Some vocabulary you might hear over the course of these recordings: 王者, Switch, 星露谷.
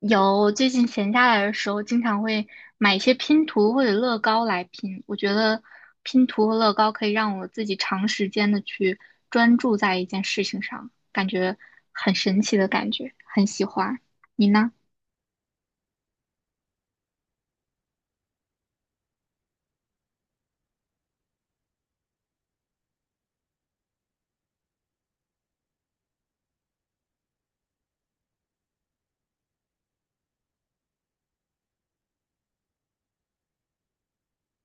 有，最近闲下来的时候，经常会买一些拼图或者乐高来拼。我觉得拼图和乐高可以让我自己长时间的去专注在一件事情上，感觉很神奇的感觉，很喜欢。你呢？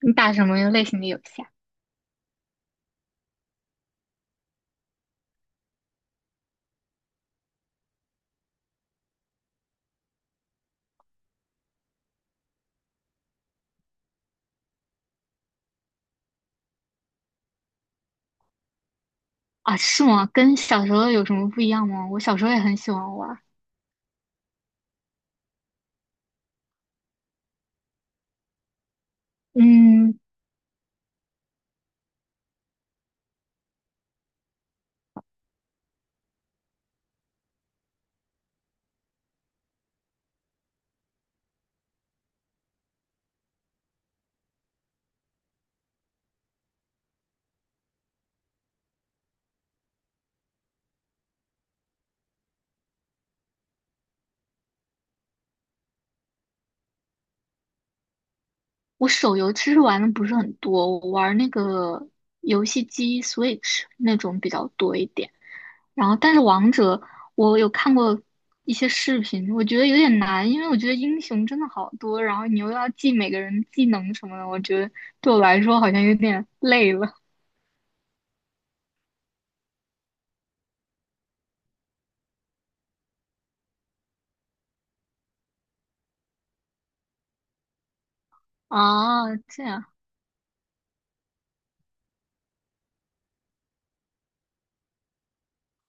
你打什么类型的游戏啊？啊，是吗？跟小时候有什么不一样吗？我小时候也很喜欢玩儿。嗯，我手游其实玩的不是很多，我玩那个游戏机 Switch 那种比较多一点。然后，但是王者我有看过一些视频，我觉得有点难，因为我觉得英雄真的好多，然后你又要记每个人技能什么的，我觉得对我来说好像有点累了。啊，这样。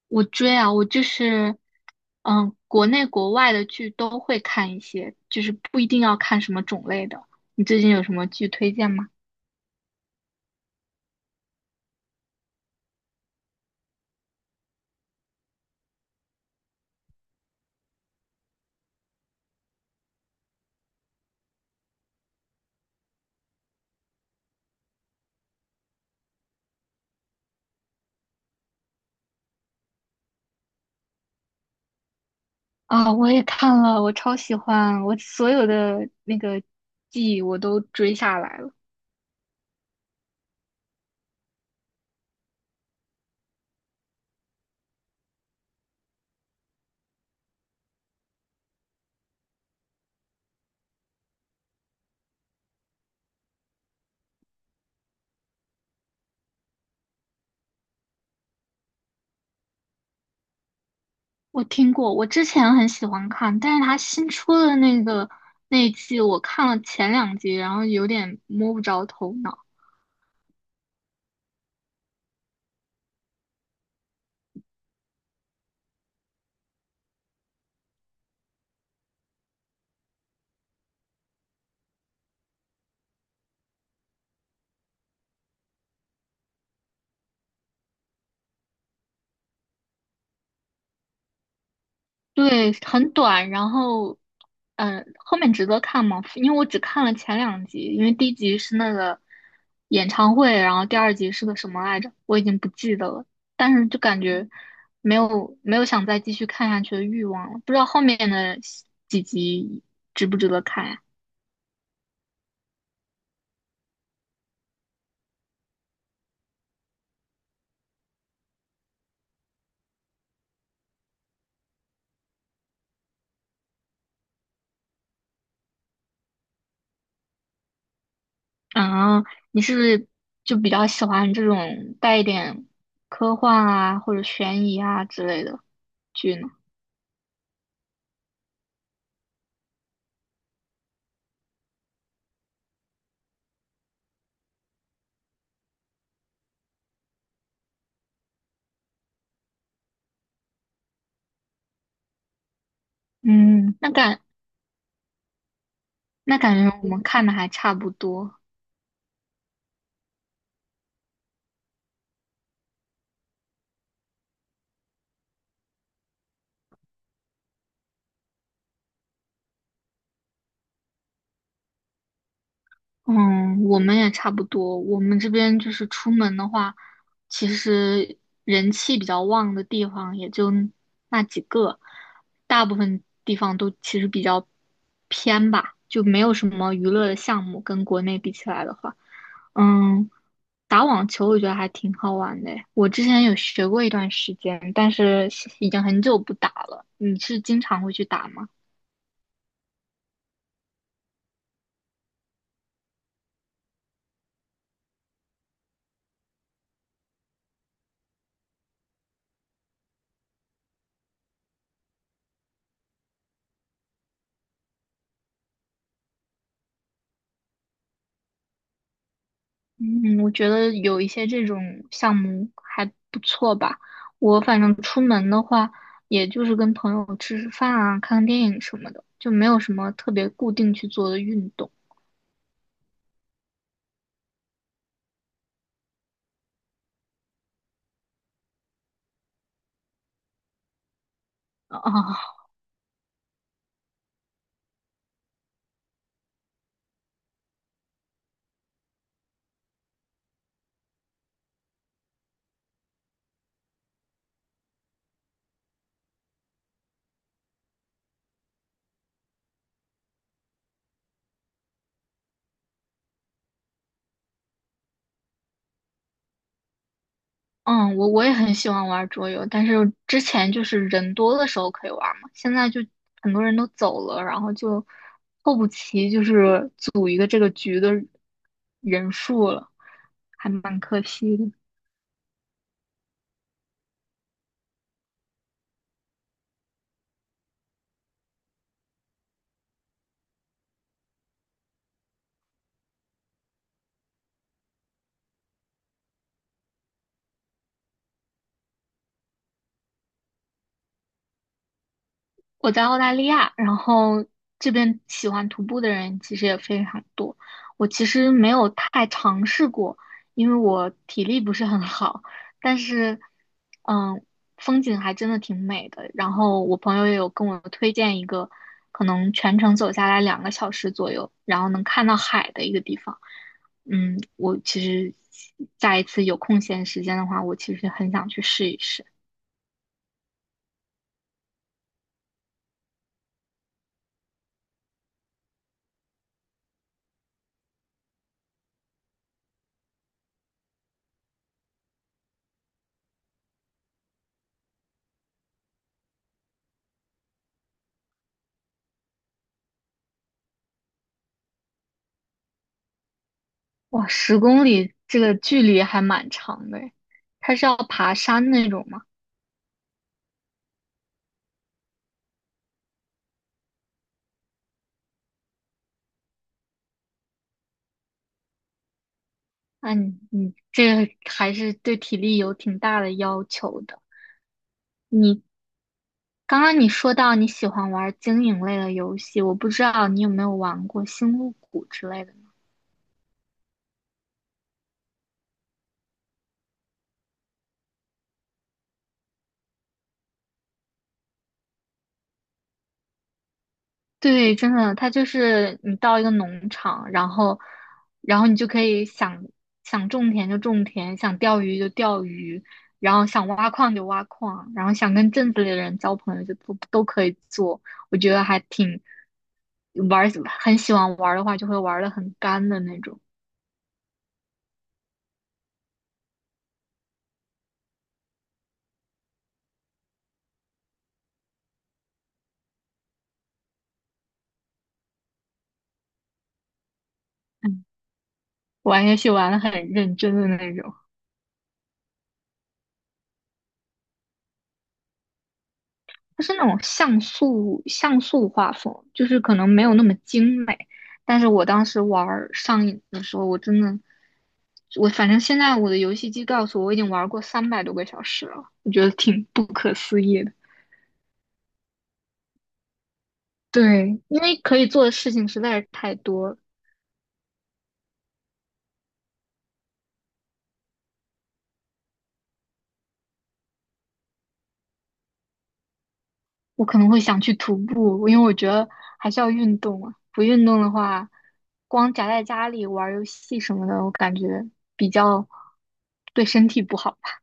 我追啊，我就是，国内国外的剧都会看一些，就是不一定要看什么种类的。你最近有什么剧推荐吗？啊，我也看了，我超喜欢，我所有的那个剧我都追下来了。我听过，我之前很喜欢看，但是他新出的那个那一季，我看了前两集，然后有点摸不着头脑。对，很短，然后，后面值得看吗？因为我只看了前两集，因为第一集是那个演唱会，然后第二集是个什么来着，我已经不记得了。但是就感觉没有想再继续看下去的欲望了，不知道后面的几集值不值得看呀？啊，你是不是就比较喜欢这种带一点科幻啊或者悬疑啊之类的剧呢？嗯，那感那感觉我们看的还差不多。嗯，我们也差不多。我们这边就是出门的话，其实人气比较旺的地方也就那几个，大部分地方都其实比较偏吧，就没有什么娱乐的项目。跟国内比起来的话，嗯，打网球我觉得还挺好玩的诶，我之前有学过一段时间，但是已经很久不打了。你是经常会去打吗？嗯，我觉得有一些这种项目还不错吧。我反正出门的话，也就是跟朋友吃吃饭啊，看看电影什么的，就没有什么特别固定去做的运动啊。嗯，我我也很喜欢玩桌游，但是之前就是人多的时候可以玩嘛，现在就很多人都走了，然后就凑不齐，就是组一个这个局的人数了，还蛮可惜的。我在澳大利亚，然后这边喜欢徒步的人其实也非常多。我其实没有太尝试过，因为我体力不是很好，但是，嗯，风景还真的挺美的。然后我朋友也有跟我推荐一个，可能全程走下来2个小时左右，然后能看到海的一个地方。我其实下一次有空闲时间的话，我其实很想去试一试。哇，10公里这个距离还蛮长的诶，它是要爬山那种吗？那你这个还是对体力有挺大的要求的。你刚刚你说到你喜欢玩经营类的游戏，我不知道你有没有玩过《星露谷》之类的。对，真的，它就是你到一个农场，然后，然后你就可以想种田就种田，想钓鱼就钓鱼，然后想挖矿就挖矿，然后想跟镇子里的人交朋友就都可以做。我觉得还挺玩儿，很喜欢玩儿的话，就会玩的很干的那种。嗯，玩游戏玩的很认真的那种。它是那种像素画风，就是可能没有那么精美。但是我当时玩儿上瘾的时候，我真的反正现在我的游戏机告诉我，我已经玩过300多个小时了，我觉得挺不可思议的。对，因为可以做的事情实在是太多了。我可能会想去徒步，因为我觉得还是要运动啊。不运动的话，光宅在家里玩游戏什么的，我感觉比较对身体不好吧。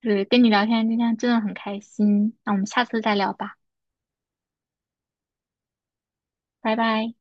对，跟你聊天今天真的很开心，那我们下次再聊吧。拜拜。